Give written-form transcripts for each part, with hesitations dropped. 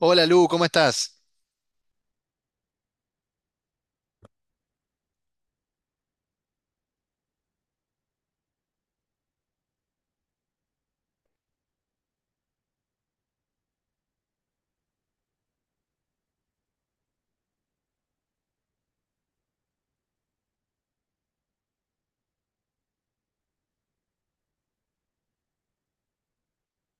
Hola Lu, ¿cómo estás?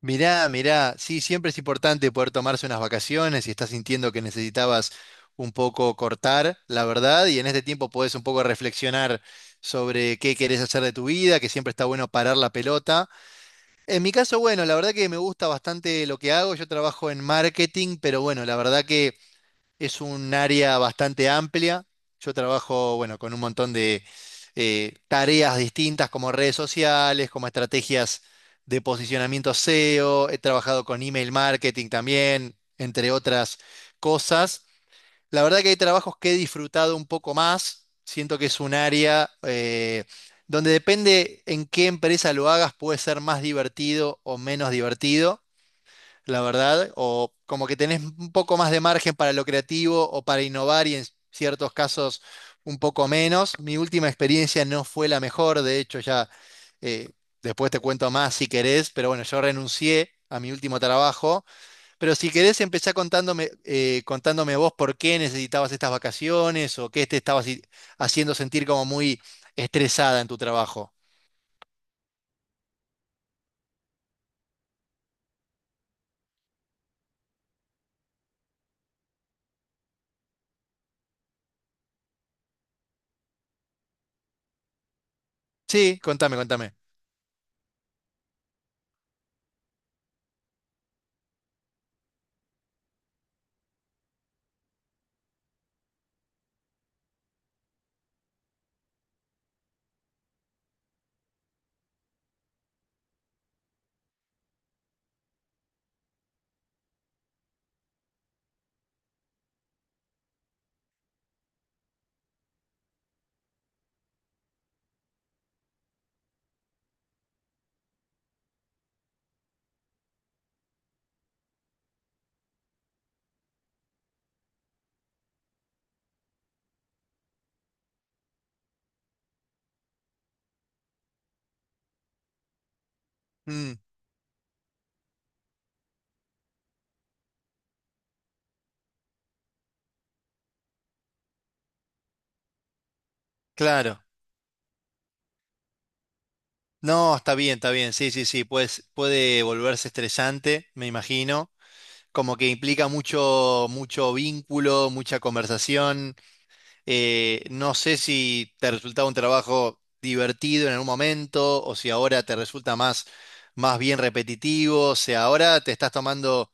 Mirá, mirá, sí, siempre es importante poder tomarse unas vacaciones si estás sintiendo que necesitabas un poco cortar, la verdad, y en este tiempo podés un poco reflexionar sobre qué querés hacer de tu vida, que siempre está bueno parar la pelota. En mi caso, bueno, la verdad que me gusta bastante lo que hago, yo trabajo en marketing, pero bueno, la verdad que... Es un área bastante amplia. Yo trabajo, bueno, con un montón de tareas distintas como redes sociales, como estrategias de posicionamiento SEO. He trabajado con email marketing también, entre otras cosas. La verdad que hay trabajos que he disfrutado un poco más. Siento que es un área donde depende en qué empresa lo hagas, puede ser más divertido o menos divertido la verdad, o como que tenés un poco más de margen para lo creativo o para innovar y en ciertos casos un poco menos. Mi última experiencia no fue la mejor, de hecho ya eh, después te cuento más si querés, pero bueno, yo renuncié a mi último trabajo, pero si querés empezá contándome, contándome vos por qué necesitabas estas vacaciones o qué te estabas haciendo sentir como muy estresada en tu trabajo. Sí, contame, contame. Mm, claro. No, está bien, está bien. Sí, sí, sí. Pues puede volverse estresante, me imagino. Como que implica mucho vínculo, mucha conversación. No sé si te resultaba un trabajo divertido en algún momento o si ahora te resulta más, más bien repetitivo. O sea, ahora te estás tomando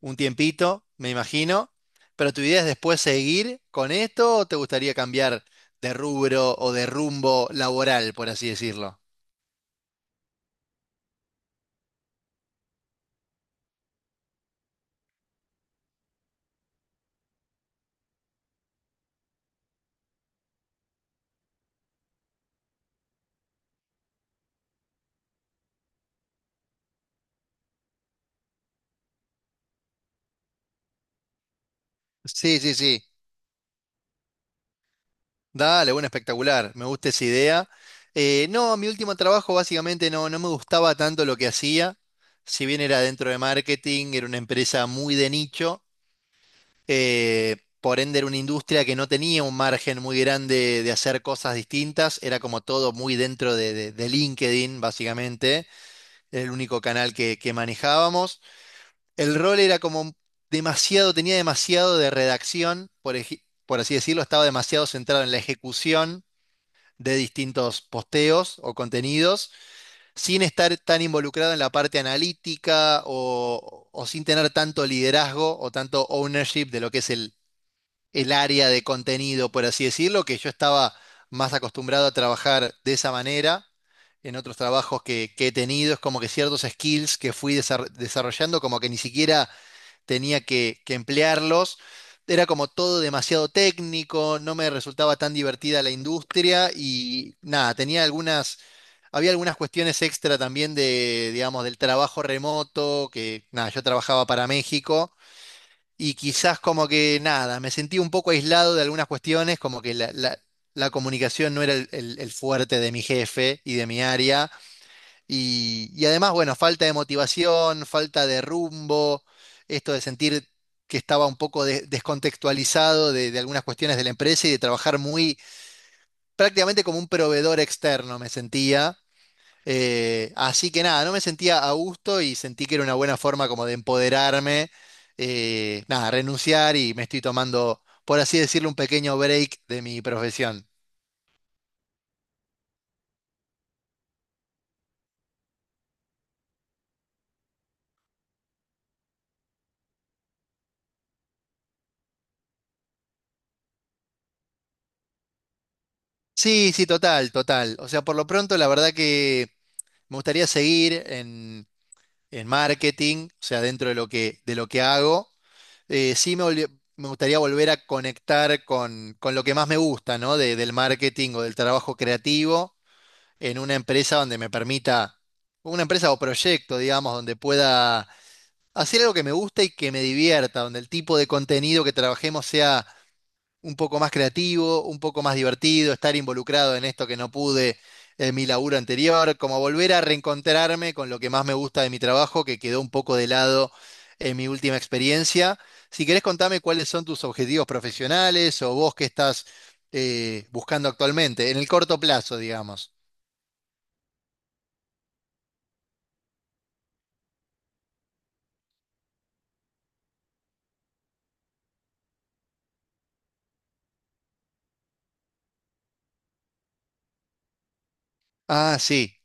un tiempito, me imagino. Pero tu idea es después seguir con esto o te gustaría cambiar de rubro o de rumbo laboral, por así decirlo. Sí, sí, sí. Dale, bueno, espectacular. Me gusta esa idea. No, mi último trabajo básicamente no, no me gustaba tanto lo que hacía. Si bien era dentro de marketing, era una empresa muy de nicho. Por ende, era una industria que no tenía un margen muy grande de hacer cosas distintas. Era como todo muy dentro de LinkedIn, básicamente. Era el único canal que manejábamos. El rol era como demasiado, tenía demasiado de redacción, por, por así decirlo, estaba demasiado centrado en la ejecución de distintos posteos o contenidos sin estar tan involucrado en la parte analítica o sin tener tanto liderazgo o tanto ownership de lo que es el área de contenido, por así decirlo, que yo estaba más acostumbrado a trabajar de esa manera. En otros trabajos que he tenido es como que ciertos skills que fui desarrollando, como que ni siquiera tenía que emplearlos. Era como todo demasiado técnico, no me resultaba tan divertida la industria y nada, tenía algunas, había algunas cuestiones extra también de, digamos, del trabajo remoto, que nada, yo trabajaba para México y quizás como que nada, me sentí un poco aislado de algunas cuestiones, como que la comunicación no era el fuerte de mi jefe y de mi área. Y además, bueno, falta de motivación, falta de rumbo, esto de sentir que estaba un poco descontextualizado de algunas cuestiones de la empresa y de trabajar muy prácticamente como un proveedor externo me sentía. Así que nada, no me sentía a gusto y sentí que era una buena forma como de empoderarme, nada, renunciar y me estoy tomando, por así decirlo, un pequeño break de mi profesión. Sí, sí, total, total. O sea, por lo pronto, la verdad que me gustaría seguir en marketing, o sea, dentro de lo que hago. Eh, me gustaría volver a conectar con lo que más me gusta, ¿no? Del marketing o del trabajo creativo en una empresa donde me permita, una empresa o proyecto, digamos, donde pueda hacer algo que me gusta y que me divierta, donde el tipo de contenido que trabajemos sea un poco más creativo, un poco más divertido, estar involucrado en esto que no pude en mi laburo anterior, como volver a reencontrarme con lo que más me gusta de mi trabajo, que quedó un poco de lado en mi última experiencia. Si querés contame cuáles son tus objetivos profesionales o vos qué estás buscando actualmente, en el corto plazo, digamos. Ah, sí,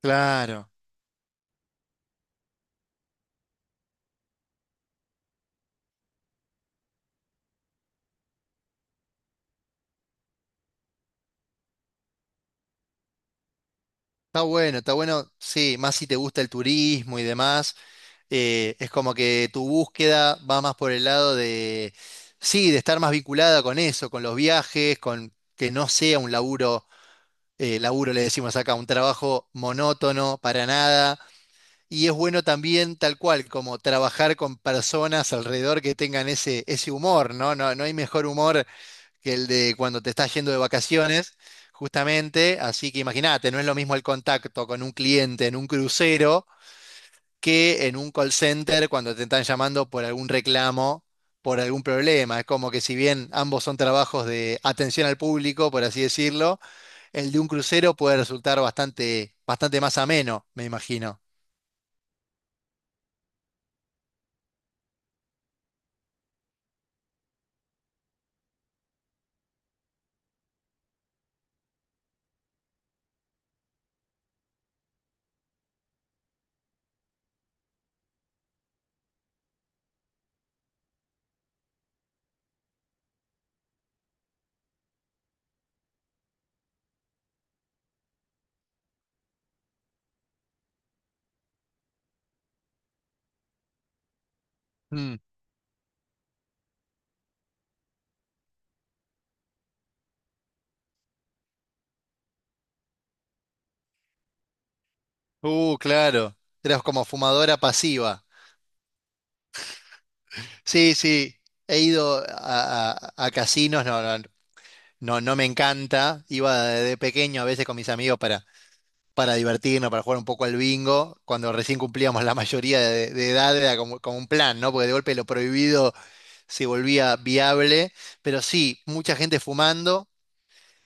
claro. Está bueno, sí, más si te gusta el turismo y demás. Es como que tu búsqueda va más por el lado de, sí, de estar más vinculada con eso, con los viajes, con que no sea un laburo, laburo le decimos acá, un trabajo monótono para nada. Y es bueno también, tal cual, como trabajar con personas alrededor que tengan ese, ese humor, ¿no? No, no hay mejor humor que el de cuando te estás yendo de vacaciones, justamente. Así que imagínate, no es lo mismo el contacto con un cliente en un crucero que en un call center cuando te están llamando por algún reclamo, por algún problema. Es como que si bien ambos son trabajos de atención al público, por así decirlo, el de un crucero puede resultar bastante, bastante más ameno, me imagino. Mm. Claro. Eras como fumadora pasiva. Sí, sí. He ido a, a casinos, no, no, no, no me encanta. Iba de pequeño a veces con mis amigos para divertirnos, para jugar un poco al bingo, cuando recién cumplíamos la mayoría de edad, era como, como un plan, ¿no? Porque de golpe lo prohibido se volvía viable, pero sí, mucha gente fumando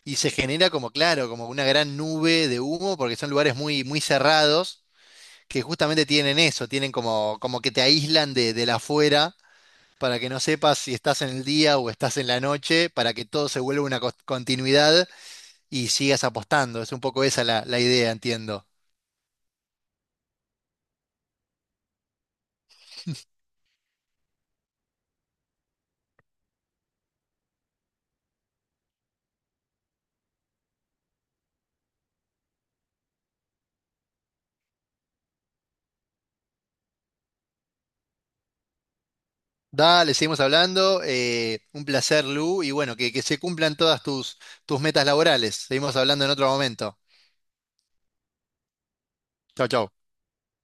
y se genera como, claro, como una gran nube de humo, porque son lugares muy, muy cerrados, que justamente tienen eso, tienen como, como que te aíslan de la afuera. Para que no sepas si estás en el día o estás en la noche, para que todo se vuelva una continuidad y sigas apostando. Es un poco esa la idea, entiendo. Dale, seguimos hablando. Un placer, Lu. Y bueno, que se cumplan todas tus, tus metas laborales. Seguimos hablando en otro momento. Chau, chau.